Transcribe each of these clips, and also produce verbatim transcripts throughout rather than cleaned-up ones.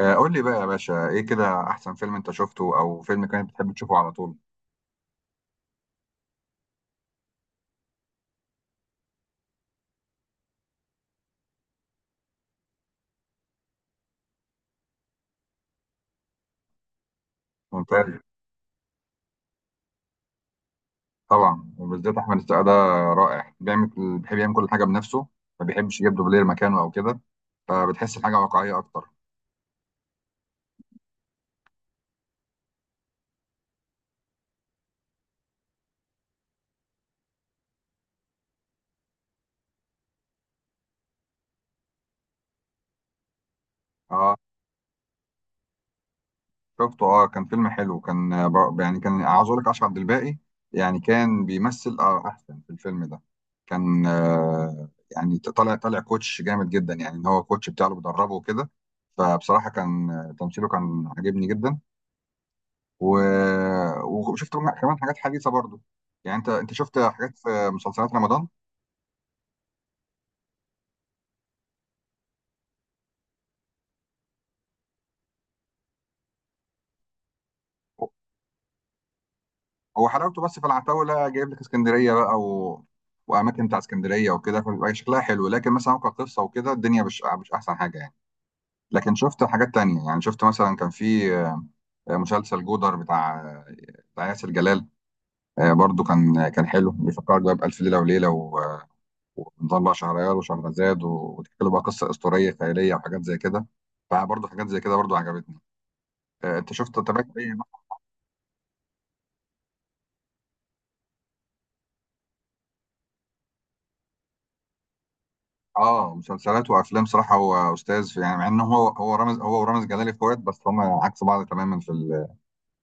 آه، قول لي بقى يا باشا ايه كده احسن فيلم انت شفته او فيلم كانت بتحب تشوفه على طول. ممتاز. طبعا وبالذات احمد السقا ده رائع، بيعمل بيحب يعمل كل حاجه بنفسه، ما بيحبش يجيب دوبلير مكانه او كده، فبتحس الحاجه واقعيه اكتر. اه شفته، اه كان فيلم حلو، كان آه، بر- يعني كان عاوز اقول لك اشرف عبد الباقي يعني كان بيمثل اه احسن في الفيلم ده. كان آه يعني طالع طالع كوتش جامد جدا، يعني ان هو كوتش بتاعه اللي بيدربه وكده، فبصراحه كان، آه، تمثيله كان عاجبني جدا. و... وشفت منها كمان حاجات حديثه برضو. يعني انت انت شفت حاجات في مسلسلات رمضان؟ هو حلاوته بس في العتاوله، جايب لك اسكندريه بقى و... واماكن بتاع اسكندريه وكده، فبيبقى شكلها حلو، لكن مثلا هو كقصه وكده الدنيا مش مش احسن حاجه يعني. لكن شفت حاجات تانية، يعني شفت مثلا كان في آه، مسلسل جودر بتاع بتاع ياسر جلال، آه، برضو كان كان حلو، بيفكرك بقى بألف ليلة وليلة و- ونظام بقى شهريار وشهرزاد و- وتحكي له بقى قصة أسطورية خيالية وحاجات زي كده، فبرضو حاجات زي كده برضو عجبتني. آه، انت شفت تابعت اي؟ اه مسلسلات وافلام، صراحه هو استاذ في، يعني مع انه هو هو رامز، هو ورامز جلال اخوات بس هم عكس بعض تماما في ال...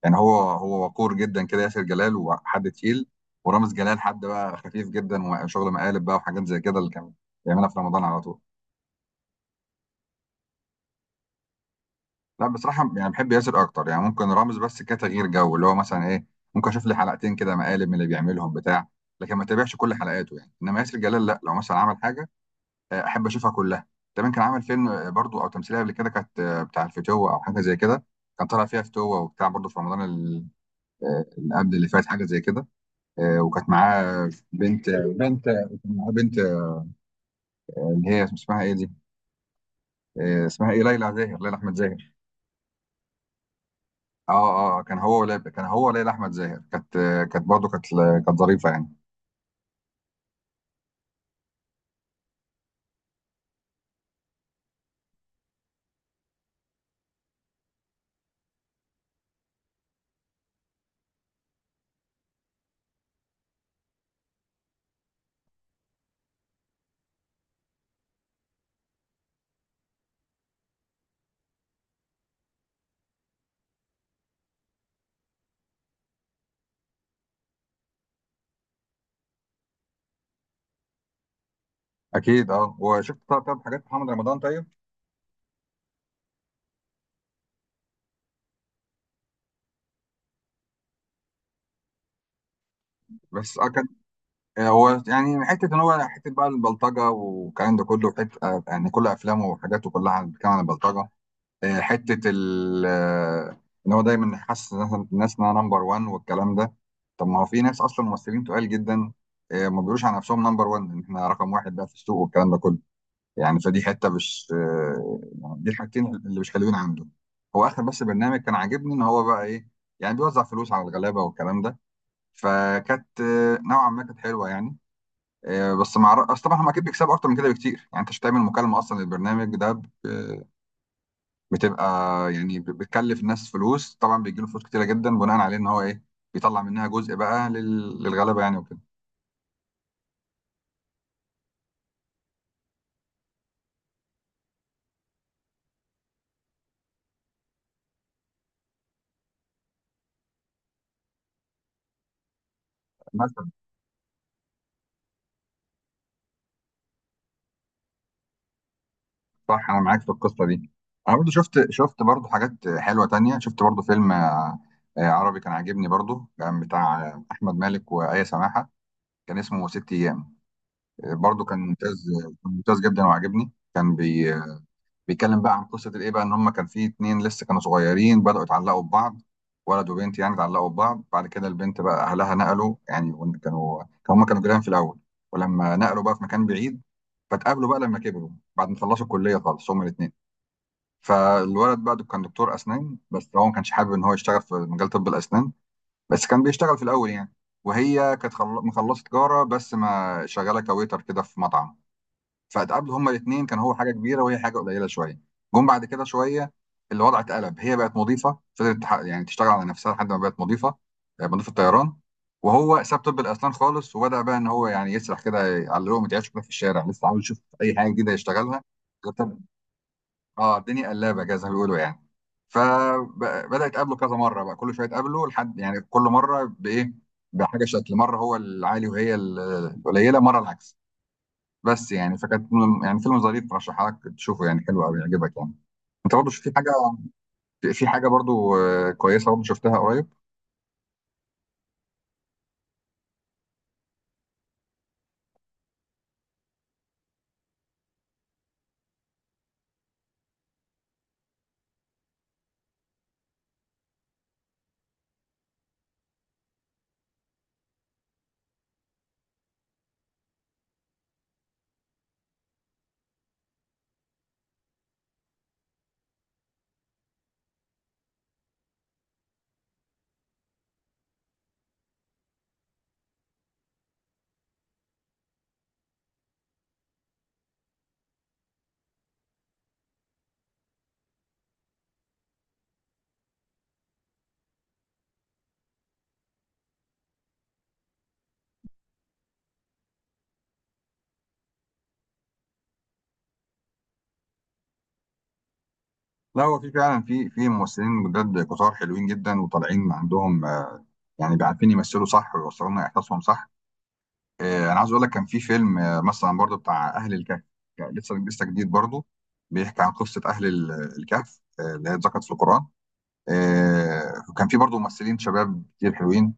يعني هو هو وقور جدا كده ياسر جلال، وحد تقيل، ورامز جلال حد بقى خفيف جدا وشغل مقالب بقى وحاجات زي كده اللي كان بيعملها في رمضان على طول. لا بصراحه يعني بحب ياسر اكتر، يعني ممكن رامز بس كتغيير جو اللي هو مثلا ايه، ممكن اشوف لي حلقتين كده مقالب من اللي بيعملهم بتاع، لكن ما تابعش كل حلقاته يعني، انما ياسر جلال لا، لو مثلا عمل حاجه آه، احب اشوفها كلها. كمان كان عامل فيلم، آه، برضو او تمثيليه قبل كده، كانت آه، بتاع الفتوه او حاجه زي كده، كان طالع فيها فتوه وبتاع برضو في رمضان ال- آه، اللي قبل اللي فات، حاجه زي كده. آه، وكانت معاه بنت، بنت كان معاه بنت آه، اللي هي اسمها ايه دي، آه، اسمها ايه ليلى زاهر، ليلى احمد زاهر. اه اه، آه، كان هو ولا كان هو ليلى احمد زاهر كانت، آه، كانت برضو كانت آه، كانت ظريفه يعني. اكيد. اه وشفت طب طب حاجات محمد رمضان؟ طيب بس اه، هو يعني حته ان هو حته بقى البلطجه والكلام ده كله، حته آه، يعني كل افلامه وحاجاته كلها بتتكلم عن البلطجه، آه، حته ال آه، ان هو دايما حاسس إن الناس الناس انها نمبر واحد والكلام ده. طب ما هو في ناس اصلا ممثلين تقال جدا آه، ما بيقولوش عن نفسهم نمبر واحد، ان احنا رقم واحد بقى في السوق والكلام ده كله، يعني فدي حته مش، آه، يعني دي الحاجتين اللي مش حلوين عنده. هو اخر بس برنامج كان عاجبني ان هو بقى ايه، يعني بيوزع فلوس على الغلابه والكلام ده، فكانت آه، نوعا ما كانت حلوه يعني. آه، بس مع الر- اصل طبعا هم اكيد بيكسبوا اكتر من كده بكتير، يعني انت مش هتعمل مكالمه اصلا للبرنامج ده ب- بتبقى، يعني ب- بتكلف الناس فلوس، طبعا بيجي له فلوس كتيره جدا بناء عليه، ان هو ايه بيطلع منها جزء بقى لل- للغلبه يعني وكده. مثلا صح، انا معاك في القصه دي. انا برضو شفت، شفت برضو حاجات حلوه تانية، شفت برضو فيلم، آه، آه، عربي كان عاجبني برضو، كان بتاع آه، احمد مالك وآية سماحه، كان اسمه ست ايام، آه، برضو كان ممتاز، كان ممتاز جدا وعجبني، كان بي بيتكلم بقى عن قصه الايه بقى، ان هم كان في اتنين لسه كانوا صغيرين بداوا يتعلقوا ببعض، ولد وبنت يعني، اتعلقوا ببعض، بعد كده البنت بقى اهلها نقلوا يعني ون- كانوا كانوا- هم كانوا جيران في الاول ولما نقلوا بقى في مكان بعيد، فتقابلوا بقى لما كبروا بعد ما خلصوا الكليه خالص هم الاثنين. فالولد بقى كان دكتور اسنان بس هو ما كانش حابب ان هو يشتغل في مجال طب الاسنان، بس كان بيشتغل في الاول يعني، وهي كانت خل- مخلصه تجاره بس ما شغاله كويتر كده في مطعم، فاتقابلوا هما الاثنين، كان هو حاجه كبيره وهي حاجه قليله شويه. جم بعد كده شويه، الوضع اتقلب، هي بقت مضيفه، فضلت تح- يعني تشتغل على نفسها لحد ما بقت مضيفه، آه، مضيفه طيران، وهو ساب طب الاسنان خالص وبدا بقى ان هو يعني يسرح كده، يعلقهم يتعشوا كده في الشارع، لسه عاوز يشوف اي حاجه جديده يشتغلها. طب اه، الدنيا قلابه كده زي ما بيقولوا يعني، فبدا يتقابلوا كذا مره بقى، كل شويه يتقابلوا لحد يعني كل مره بايه، بحاجه، شكل مره هو العالي وهي ال- القليله، مره العكس. بس يعني فكانت م- يعني فيلم ظريف، رشحها لك تشوفه يعني، حلو قوي، يعجبك يعني. انت برضه في حاجه، في حاجه برضه آه، كويسه برضه شفتها قريب؟ لا، هو في فعلا في في ممثلين جداد كتار حلوين جدا وطالعين عندهم، آه، يعني بيعرفين يمثلوا صح ويوصلوا لنا احساسهم صح. آه، انا عايز اقول لك كان في فيلم، آه، مثلا برضه بتاع اهل الكهف، يعني لسه لسه جديد برضه، بيحكي عن قصه اهل ال- الكهف آه، اللي هي اتذكرت في القران. آه، وكان في برضه ممثلين شباب كتير حلوين،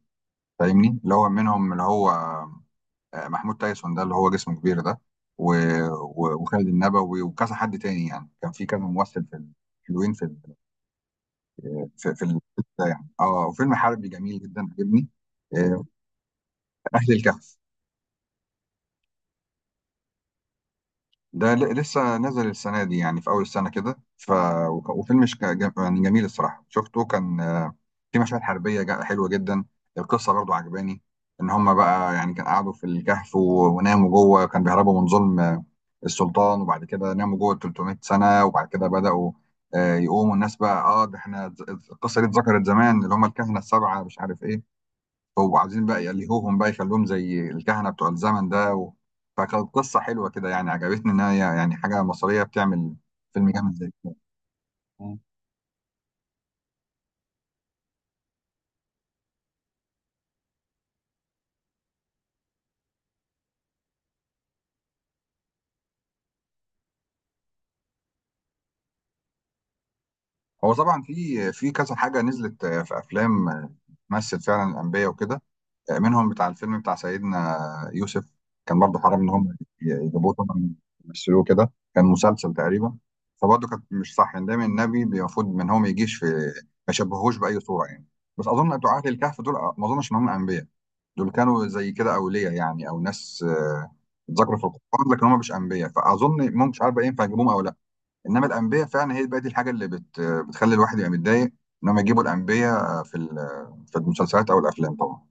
فاهمني، اللي هو منهم اللي هو آه، محمود تايسون ده اللي هو جسمه كبير ده، و... و... وخالد النبوي وكذا حد تاني، يعني كان في كذا ممثل في ال- حلوين في ال... في, في ال... ده يعني اه، وفيلم حربي جميل جدا عجبني. آه، اهل الكهف. ده ل... لسه نزل السنه دي، يعني في اول السنه كده، ف... وك- وفيلم ش... جم- يعني جميل الصراحه، شفته كان، آه، في مشاهد حربيه جا- حلوه جدا. القصه برضو عجباني، ان هم بقى يعني كان قعدوا في الكهف و... وناموا جوه، كان بيهربوا من ظلم السلطان وبعد كده ناموا جوه ال تلتمية سنه، وبعد كده بداوا آه، يقوموا الناس بقى، اه ده احنا ز- القصه دي اتذكرت زمان، اللي هم الكهنه السبعه مش عارف ايه، هو عايزين بقى يلهوهم بقى، يخلوهم زي الكهنه بتوع الزمن ده و... فكانت قصه حلوه كده يعني، عجبتني ان هي يعني حاجه مصريه بتعمل فيلم جامد زي كده. مم. هو طبعا في في كذا حاجه نزلت، آه، في افلام آه، تمثل فعلا الانبياء وكده، منهم بتاع الفيلم بتاع سيدنا يوسف، كان برضه حرام ان هم يجيبوه طبعا يمثلوه كده، كان مسلسل تقريبا، فبرضه كانت مش صح، ان دايما النبي المفروض ان هو ما يجيش في، ما يشبهوش باي صوره يعني. بس اظن بتوع اهل الكهف دول ما اظنش ان هم انبياء، دول كانوا زي كده اولياء يعني او ناس، آه، اتذكروا في القران لكن هم مش انبياء، فاظن ممكن مش عارف بقى ينفع يجيبوهم او لا. انما الانبياء فعلا هي بقى دي الحاجه اللي بت بتخلي الواحد يبقى متضايق، ان هم يجيبوا الانبياء في ال- في المسلسلات او الافلام طبعا.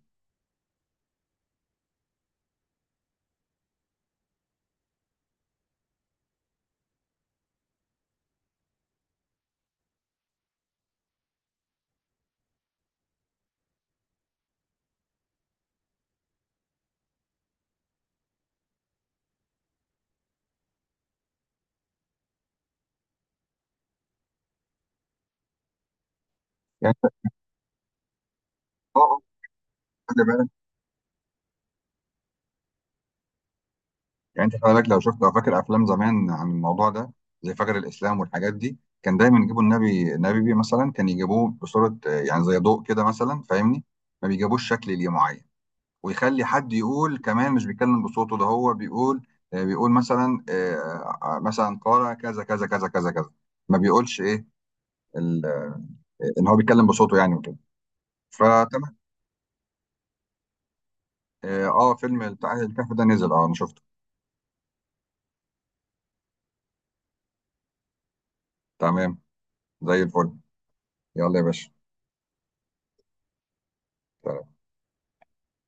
يعني خلي بالك، يعني انت خلي بالك لو شفت او فاكر افلام زمان عن الموضوع ده، زي فجر الاسلام والحاجات دي، كان دايما يجيبوا النبي، النبي بيه مثلا كان يجيبوه بصوره آه، يعني زي ضوء كده مثلا، فاهمني، ما بيجيبوش شكل ليه معين، ويخلي حد يقول كمان مش بيتكلم بصوته، ده هو بيقول آه، بيقول مثلا آه، آه، مثلا قال كذا كذا كذا كذا كذا، ما بيقولش ايه ال- آه، ان هو بيتكلم بصوته يعني وكده، فتمام. اه آه، فيلم بتاع الكهف ده نزل اه، انا شفته. تمام، زي الفل. يلا يا باشا.